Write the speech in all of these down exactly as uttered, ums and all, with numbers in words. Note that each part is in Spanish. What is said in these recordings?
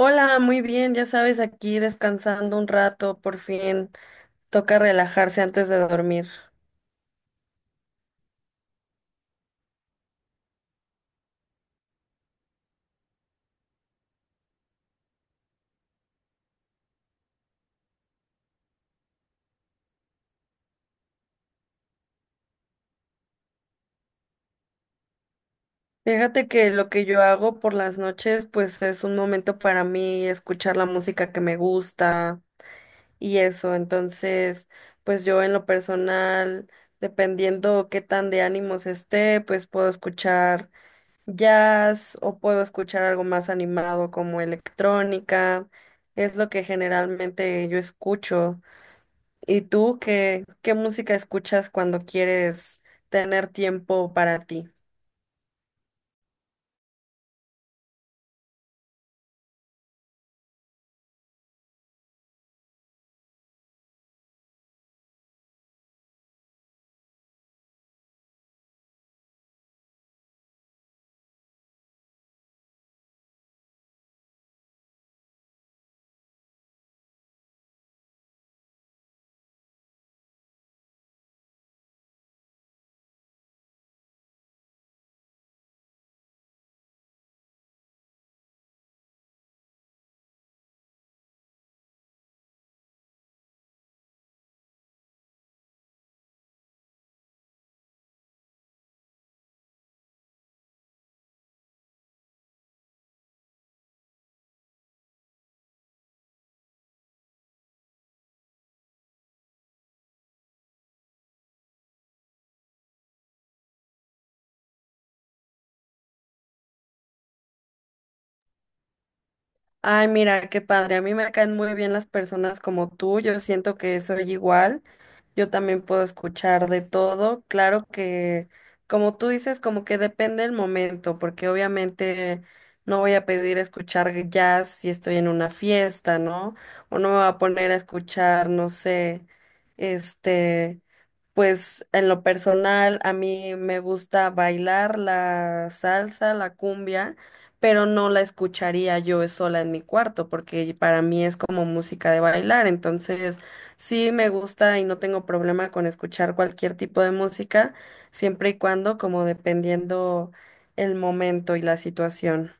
Hola, muy bien, ya sabes, aquí descansando un rato, por fin toca relajarse antes de dormir. Fíjate que lo que yo hago por las noches, pues es un momento para mí escuchar la música que me gusta y eso. Entonces, pues yo en lo personal, dependiendo qué tan de ánimos esté, pues puedo escuchar jazz o puedo escuchar algo más animado como electrónica. Es lo que generalmente yo escucho. ¿Y tú qué, qué música escuchas cuando quieres tener tiempo para ti? Ay, mira, qué padre. A mí me caen muy bien las personas como tú. Yo siento que soy igual. Yo también puedo escuchar de todo. Claro que, como tú dices, como que depende el momento, porque obviamente no voy a pedir escuchar jazz si estoy en una fiesta, ¿no? O no me voy a poner a escuchar, no sé, este, pues en lo personal a mí me gusta bailar la salsa, la cumbia, pero no la escucharía yo sola en mi cuarto, porque para mí es como música de bailar, entonces... Sí, me gusta y no tengo problema con escuchar cualquier tipo de música, siempre y cuando, como dependiendo el momento y la situación.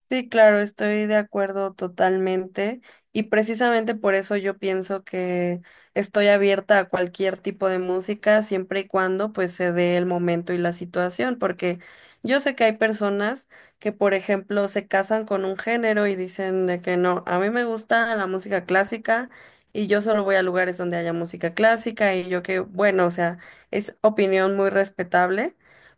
Sí, claro, estoy de acuerdo totalmente y precisamente por eso yo pienso que estoy abierta a cualquier tipo de música siempre y cuando pues se dé el momento y la situación, porque yo sé que hay personas que por ejemplo se casan con un género y dicen de que no, a mí me gusta la música clásica y yo solo voy a lugares donde haya música clásica y yo que bueno, o sea, es opinión muy respetable,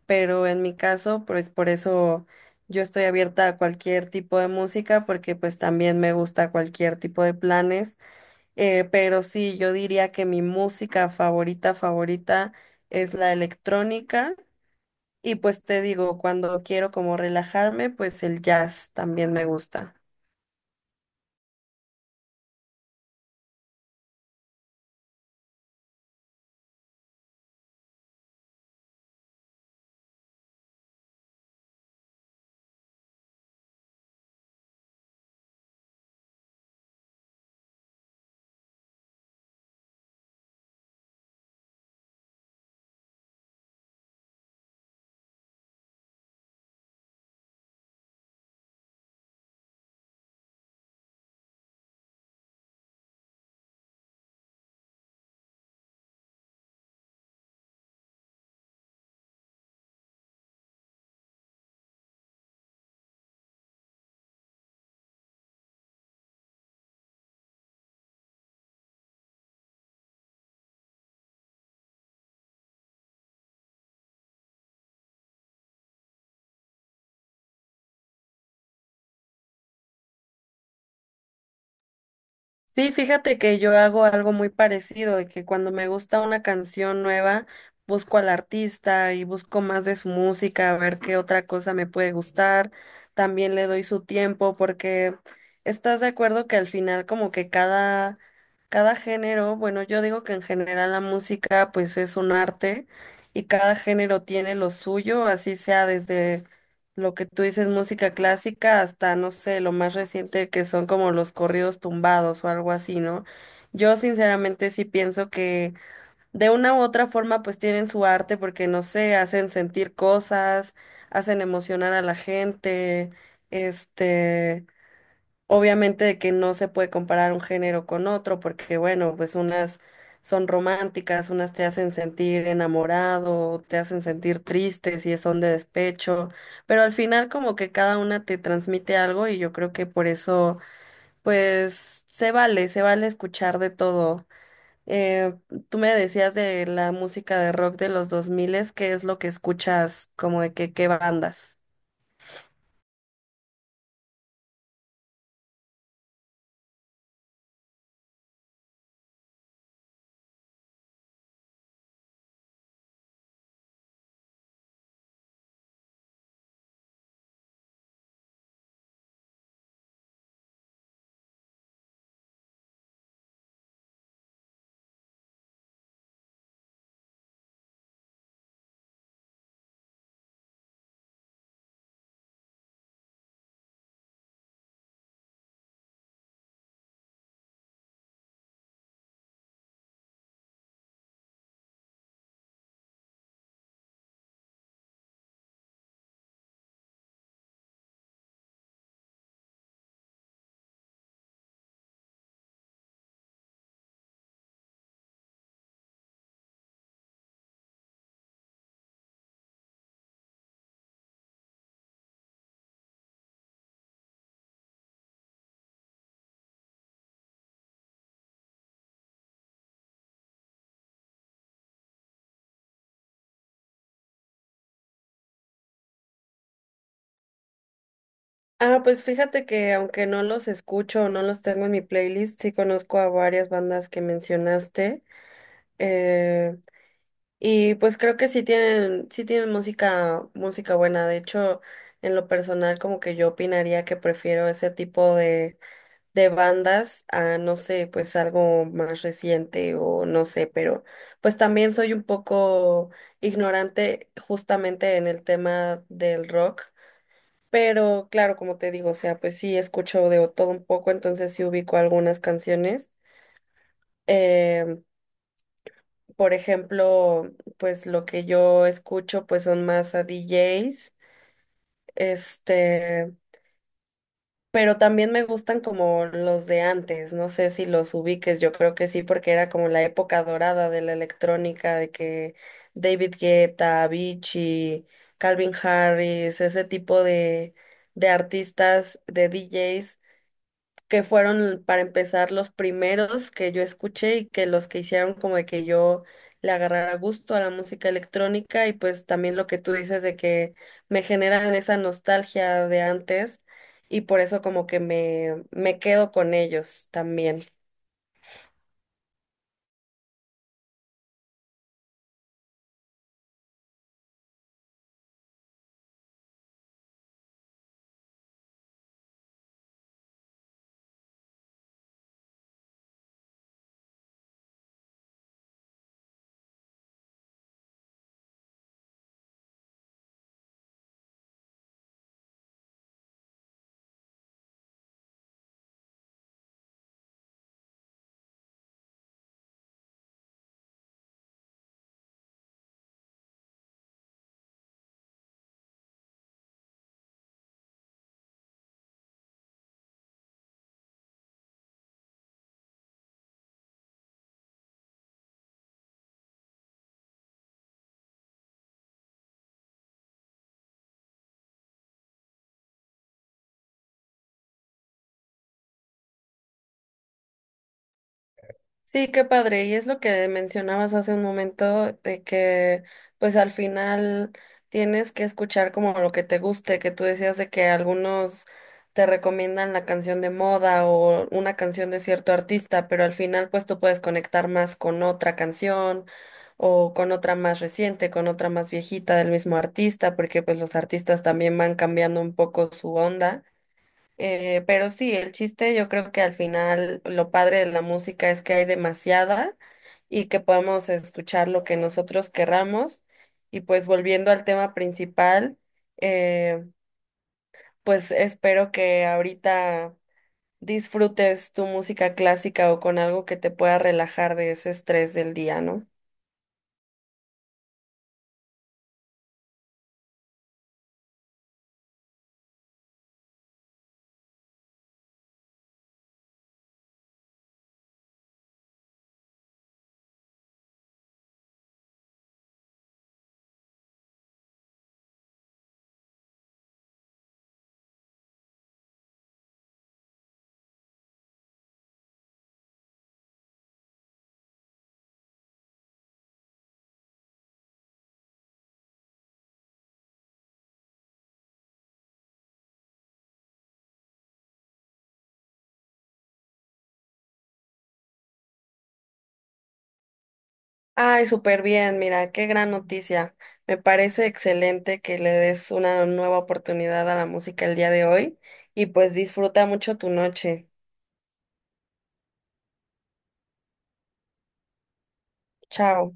pero en mi caso pues por eso yo estoy abierta a cualquier tipo de música porque pues también me gusta cualquier tipo de planes, eh, pero sí, yo diría que mi música favorita, favorita es la electrónica y pues te digo, cuando quiero como relajarme, pues el jazz también me gusta. Sí, fíjate que yo hago algo muy parecido, de que cuando me gusta una canción nueva, busco al artista y busco más de su música, a ver qué otra cosa me puede gustar. También le doy su tiempo porque estás de acuerdo que al final como que cada cada género, bueno, yo digo que en general la música pues es un arte y cada género tiene lo suyo, así sea desde lo que tú dices, música clásica, hasta no sé, lo más reciente que son como los corridos tumbados o algo así, ¿no? Yo sinceramente sí pienso que de una u otra forma pues tienen su arte porque no sé, hacen sentir cosas, hacen emocionar a la gente, este, Obviamente de que no se puede comparar un género con otro, porque bueno, pues unas son románticas, unas te hacen sentir enamorado, te hacen sentir triste si son de despecho, pero al final como que cada una te transmite algo y yo creo que por eso pues se vale, se vale escuchar de todo. Eh, tú me decías de la música de rock de los dos mil, ¿qué es lo que escuchas como de que qué bandas? Ah, pues fíjate que aunque no los escucho o no los tengo en mi playlist, sí conozco a varias bandas que mencionaste. eh, y pues creo que sí tienen, sí tienen música, música, buena. De hecho, en lo personal, como que yo opinaría que prefiero ese tipo de, de bandas a, no sé, pues algo más reciente o no sé, pero pues también soy un poco ignorante justamente en el tema del rock. Pero claro, como te digo, o sea, pues sí escucho de todo un poco, entonces sí ubico algunas canciones. Em, por ejemplo, pues lo que yo escucho pues son más a D Js, este, pero también me gustan como los de antes, no sé si los ubiques, yo creo que sí, porque era como la época dorada de la electrónica, de que David Guetta, Avicii, Calvin Harris, ese tipo de de artistas, de D Js que fueron para empezar los primeros que yo escuché y que los que hicieron como de que yo le agarrara gusto a la música electrónica y pues también lo que tú dices de que me generan esa nostalgia de antes y por eso como que me, me quedo con ellos también. Sí, qué padre. Y es lo que mencionabas hace un momento, de que pues al final tienes que escuchar como lo que te guste, que tú decías de que algunos te recomiendan la canción de moda o una canción de cierto artista, pero al final pues tú puedes conectar más con otra canción o con otra más reciente, con otra más viejita del mismo artista, porque pues los artistas también van cambiando un poco su onda. Eh, pero sí, el chiste yo creo que al final lo padre de la música es que hay demasiada y que podemos escuchar lo que nosotros querramos. Y pues volviendo al tema principal, eh, pues espero que ahorita disfrutes tu música clásica o con algo que te pueda relajar de ese estrés del día, ¿no? Ay, súper bien, mira, qué gran noticia. Me parece excelente que le des una nueva oportunidad a la música el día de hoy y pues disfruta mucho tu noche. Chao.